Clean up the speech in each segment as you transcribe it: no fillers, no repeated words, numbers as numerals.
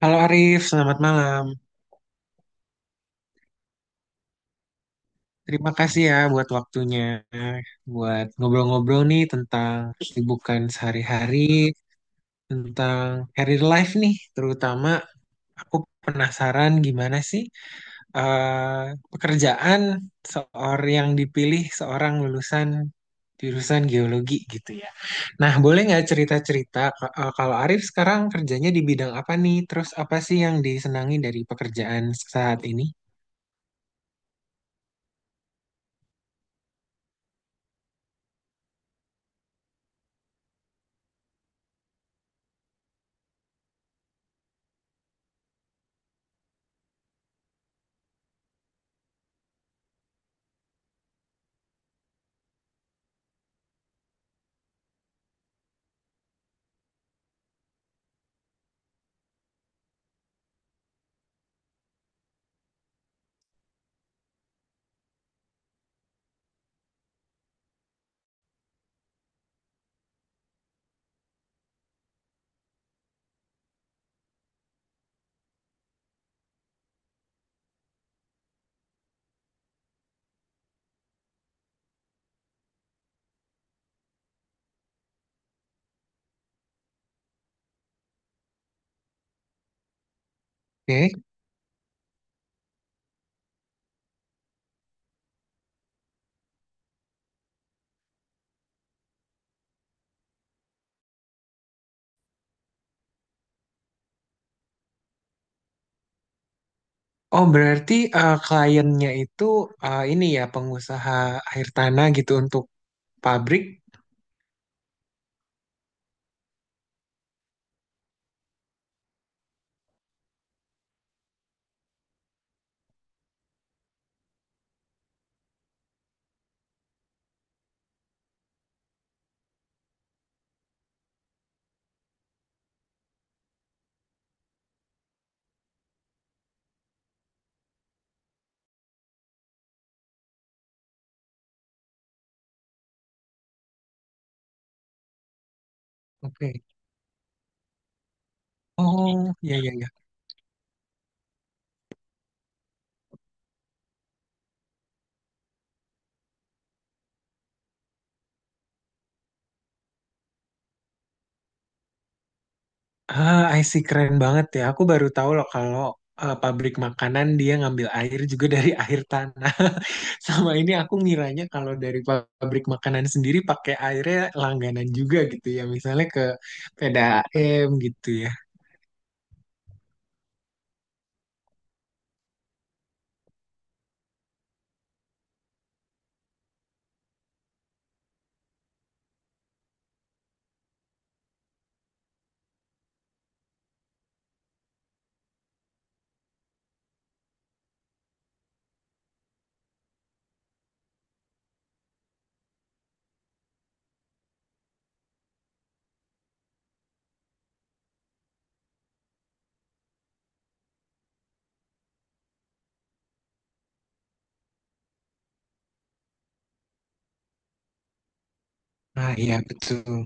Halo Arif, selamat malam. Terima kasih ya buat waktunya, buat ngobrol-ngobrol nih tentang kesibukan sehari-hari, tentang career life nih, terutama aku penasaran gimana sih pekerjaan seorang yang dipilih seorang lulusan jurusan geologi gitu ya. Nah, boleh nggak cerita-cerita kalau Arif sekarang kerjanya di bidang apa nih? Terus apa sih yang disenangi dari pekerjaan saat ini? Oke. Oh, berarti kliennya itu eh, ini ya pengusaha air tanah gitu untuk pabrik. Oke. Oh, ya ya ya. Ah, I see, keren banget ya. Aku baru tahu loh kalau pabrik makanan dia ngambil air juga dari air tanah. Sama ini aku ngiranya kalau dari pabrik makanan sendiri pakai airnya langganan juga gitu ya. Misalnya ke P D A m gitu ya. Ah, iya betul.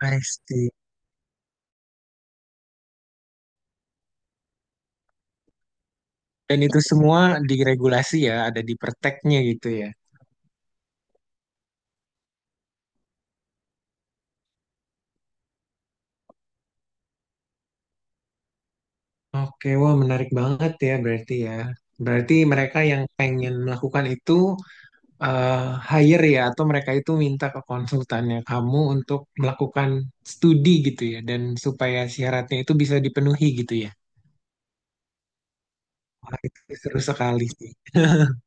I see. Dan itu semua diregulasi ya, ada di perteknya gitu ya. Oke, wah menarik banget ya. Berarti mereka yang pengen melakukan itu eh, hire ya atau mereka itu minta ke konsultannya kamu untuk melakukan studi gitu ya dan supaya syaratnya itu bisa dipenuhi gitu ya. Wah, itu seru sekali sih.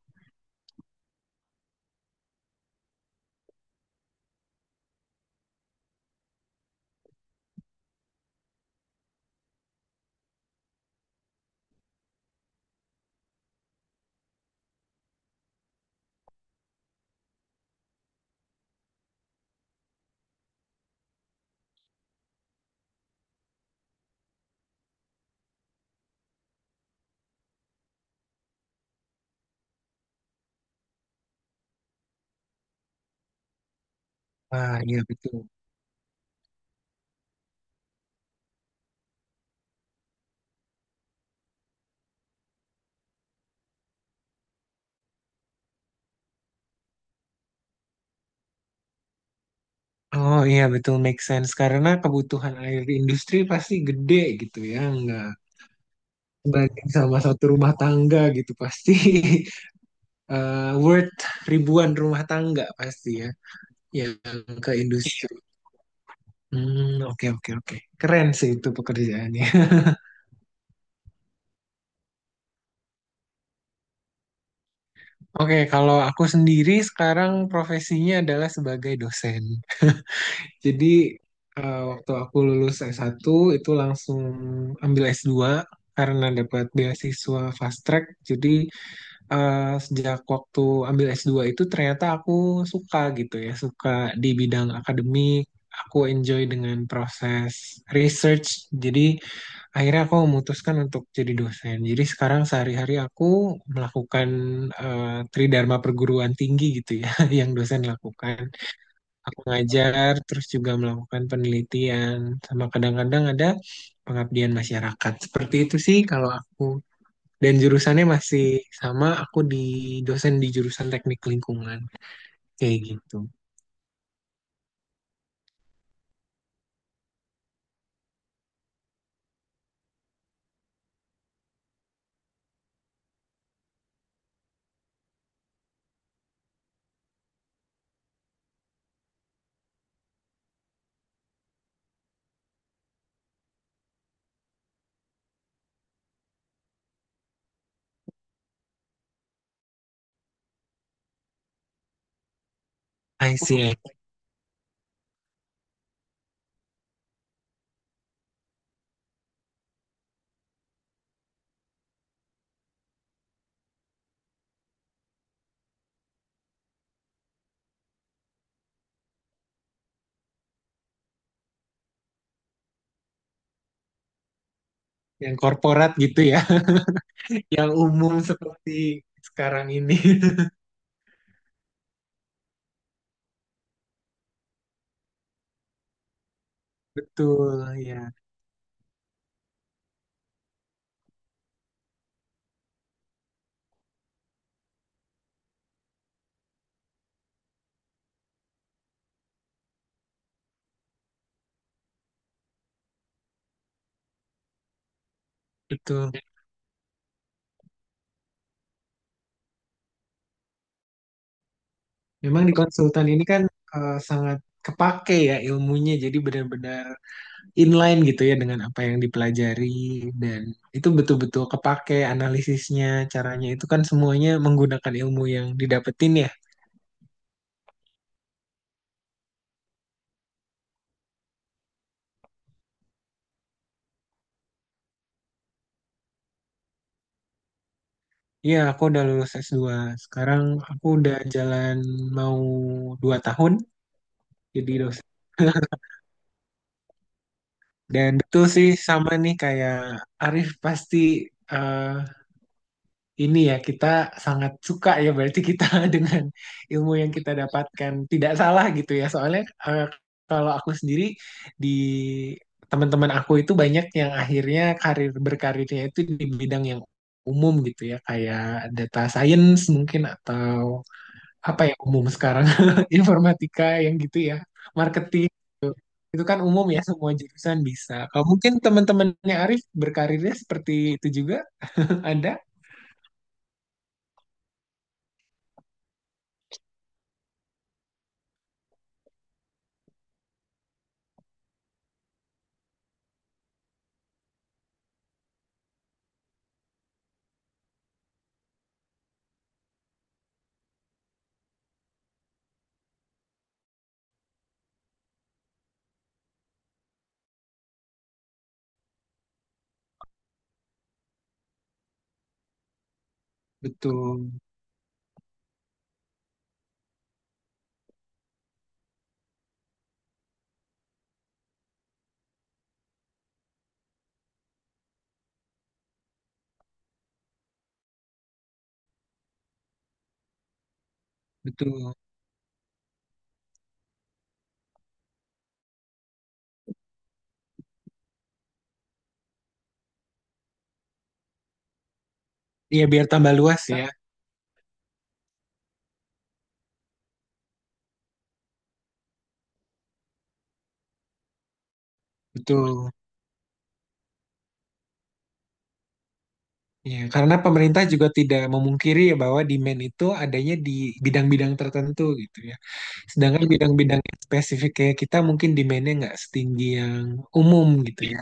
Wah, iya betul. Oh iya betul, make sense karena kebutuhan air industri pasti gede gitu ya, nggak banding sama satu rumah tangga gitu pasti worth ribuan rumah tangga pasti ya. Yang ke industri. Hmm, oke oke oke. Keren sih itu pekerjaannya. Oke, kalau aku sendiri sekarang profesinya adalah sebagai dosen. Jadi waktu aku lulus S1 itu langsung ambil S2 karena dapat beasiswa fast track. Jadi sejak waktu ambil S2 itu ternyata aku suka gitu ya, suka di bidang akademik. Aku enjoy dengan proses research. Jadi akhirnya aku memutuskan untuk jadi dosen. Jadi sekarang sehari-hari aku melakukan eh, tridharma perguruan tinggi gitu ya, yang dosen lakukan. Aku ngajar, terus juga melakukan penelitian, sama kadang-kadang ada pengabdian masyarakat. Seperti itu sih kalau aku. Dan jurusannya masih sama, aku di dosen di jurusan teknik lingkungan, kayak gitu. I see. Yang korporat gitu ya, yang umum seperti sekarang ini. Betul, ya. Betul. Memang di konsultan ini kan sangat kepake ya ilmunya, jadi benar-benar inline gitu ya dengan apa yang dipelajari dan itu betul-betul kepake analisisnya, caranya itu kan semuanya menggunakan ilmu yang didapetin ya. Iya, aku udah lulus S2. Sekarang aku udah jalan mau 2 tahun jadi dosen. Dan betul sih, sama nih kayak Arif pasti eh, ini ya kita sangat suka ya berarti kita dengan ilmu yang kita dapatkan tidak salah gitu ya soalnya eh, kalau aku sendiri di teman-teman aku itu banyak yang akhirnya karir berkarirnya itu di bidang yang umum gitu ya kayak data science mungkin atau apa ya umum sekarang, informatika yang gitu ya, marketing, itu kan umum ya semua jurusan bisa, kalau mungkin teman-temannya Arif berkarirnya seperti itu juga. Ada betul. Betul. Iya biar tambah luas ya, betul. Iya, karena pemerintah juga tidak memungkiri ya bahwa demand itu adanya di bidang-bidang tertentu gitu ya. Sedangkan bidang-bidang yang spesifik kayak kita mungkin demandnya nggak setinggi yang umum gitu ya.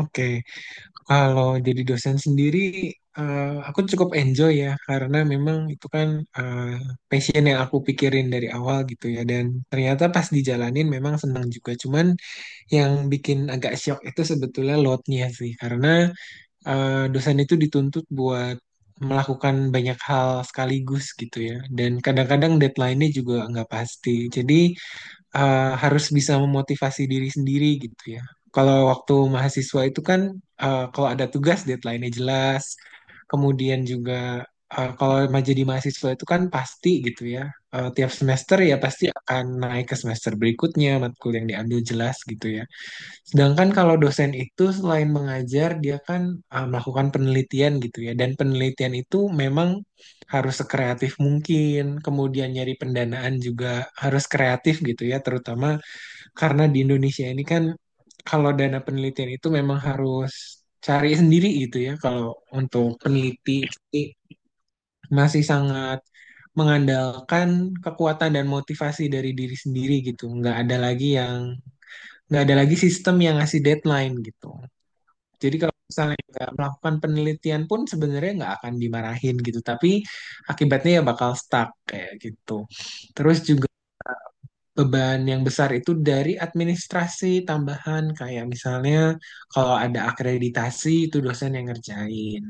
Oke, kalau jadi dosen sendiri, aku cukup enjoy ya karena memang itu kan eh, passion yang aku pikirin dari awal gitu ya. Dan ternyata pas dijalanin memang senang juga. Cuman yang bikin agak shock itu sebetulnya loadnya sih karena dosen itu dituntut buat melakukan banyak hal sekaligus gitu ya. Dan kadang-kadang deadline-nya juga nggak pasti. Jadi harus bisa memotivasi diri sendiri gitu ya. Kalau waktu mahasiswa itu kan kalau ada tugas deadline-nya jelas. Kemudian juga jadi mahasiswa itu kan pasti gitu ya. Tiap semester ya pasti akan naik ke semester berikutnya, matkul yang diambil jelas gitu ya. Sedangkan kalau dosen itu selain mengajar, dia kan melakukan penelitian gitu ya. Dan penelitian itu memang harus sekreatif mungkin. Kemudian nyari pendanaan juga harus kreatif gitu ya. Terutama karena di Indonesia ini kan kalau dana penelitian itu memang harus cari sendiri gitu ya. Kalau untuk peneliti ini masih sangat mengandalkan kekuatan dan motivasi dari diri sendiri gitu. Nggak ada lagi sistem yang ngasih deadline gitu. Jadi kalau misalnya nggak melakukan penelitian pun sebenarnya nggak akan dimarahin gitu, tapi akibatnya ya bakal stuck kayak gitu. Terus juga beban yang besar itu dari administrasi tambahan kayak misalnya kalau ada akreditasi itu dosen yang ngerjain.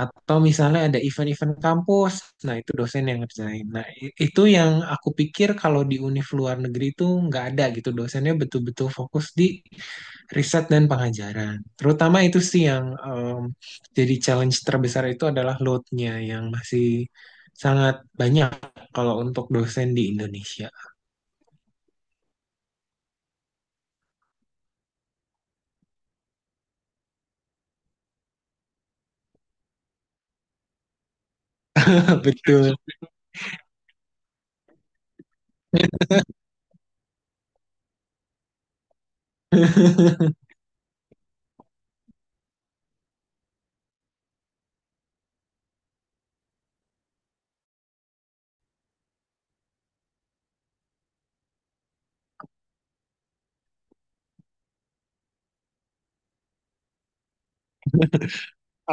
Atau misalnya ada event-event kampus, nah itu dosen yang ngerjain. Itu yang aku pikir kalau di univ luar negeri itu nggak ada gitu, dosennya betul-betul fokus di riset dan pengajaran. Terutama itu sih yang jadi challenge terbesar itu adalah load-nya yang masih sangat banyak kalau untuk dosen di Indonesia. Betul.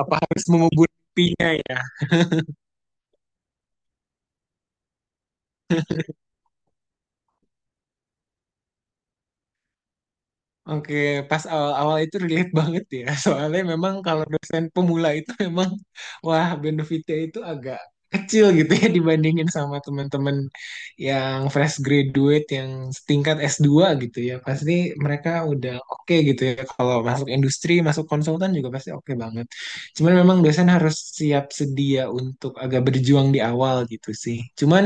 Apa harus mengubur pipinya ya? Oke, pas awal-awal itu relate banget ya. Soalnya memang kalau dosen pemula itu memang wah benefitnya itu agak kecil gitu ya dibandingin sama teman-teman yang fresh graduate yang setingkat S2 gitu ya. Pasti mereka udah oke gitu ya. Kalau masuk industri, masuk konsultan juga pasti oke banget. Cuman memang dosen harus siap sedia untuk agak berjuang di awal gitu sih. Cuman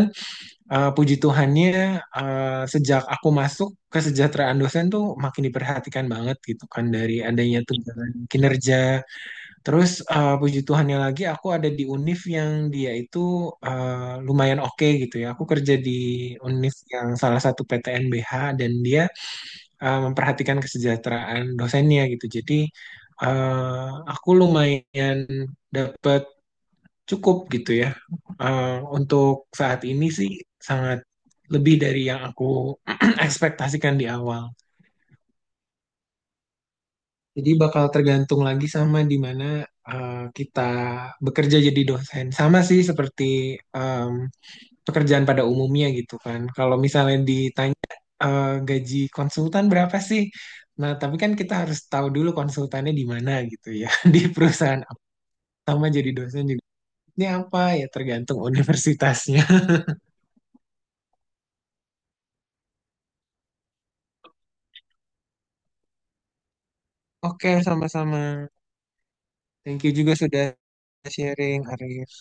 Puji Tuhannya, sejak aku masuk kesejahteraan dosen tuh makin diperhatikan banget gitu kan dari adanya tunjangan kinerja. Terus puji Tuhannya lagi aku ada di UNIF yang dia itu lumayan oke gitu ya. Aku kerja di UNIF yang salah satu PTNBH dan dia memperhatikan kesejahteraan dosennya gitu. Jadi eh, aku lumayan dapat cukup gitu ya. Eh, untuk saat ini sih sangat lebih dari yang aku ekspektasikan di awal. Jadi bakal tergantung lagi sama di mana kita bekerja jadi dosen. Sama sih seperti em, pekerjaan pada umumnya gitu kan. Kalau misalnya ditanya gaji konsultan berapa sih? Nah, tapi kan kita harus tahu dulu konsultannya di mana gitu ya. Di perusahaan apa, sama jadi dosen juga. Ini apa ya tergantung universitasnya. Oke, sama-sama. Thank you juga sudah sharing, Arif.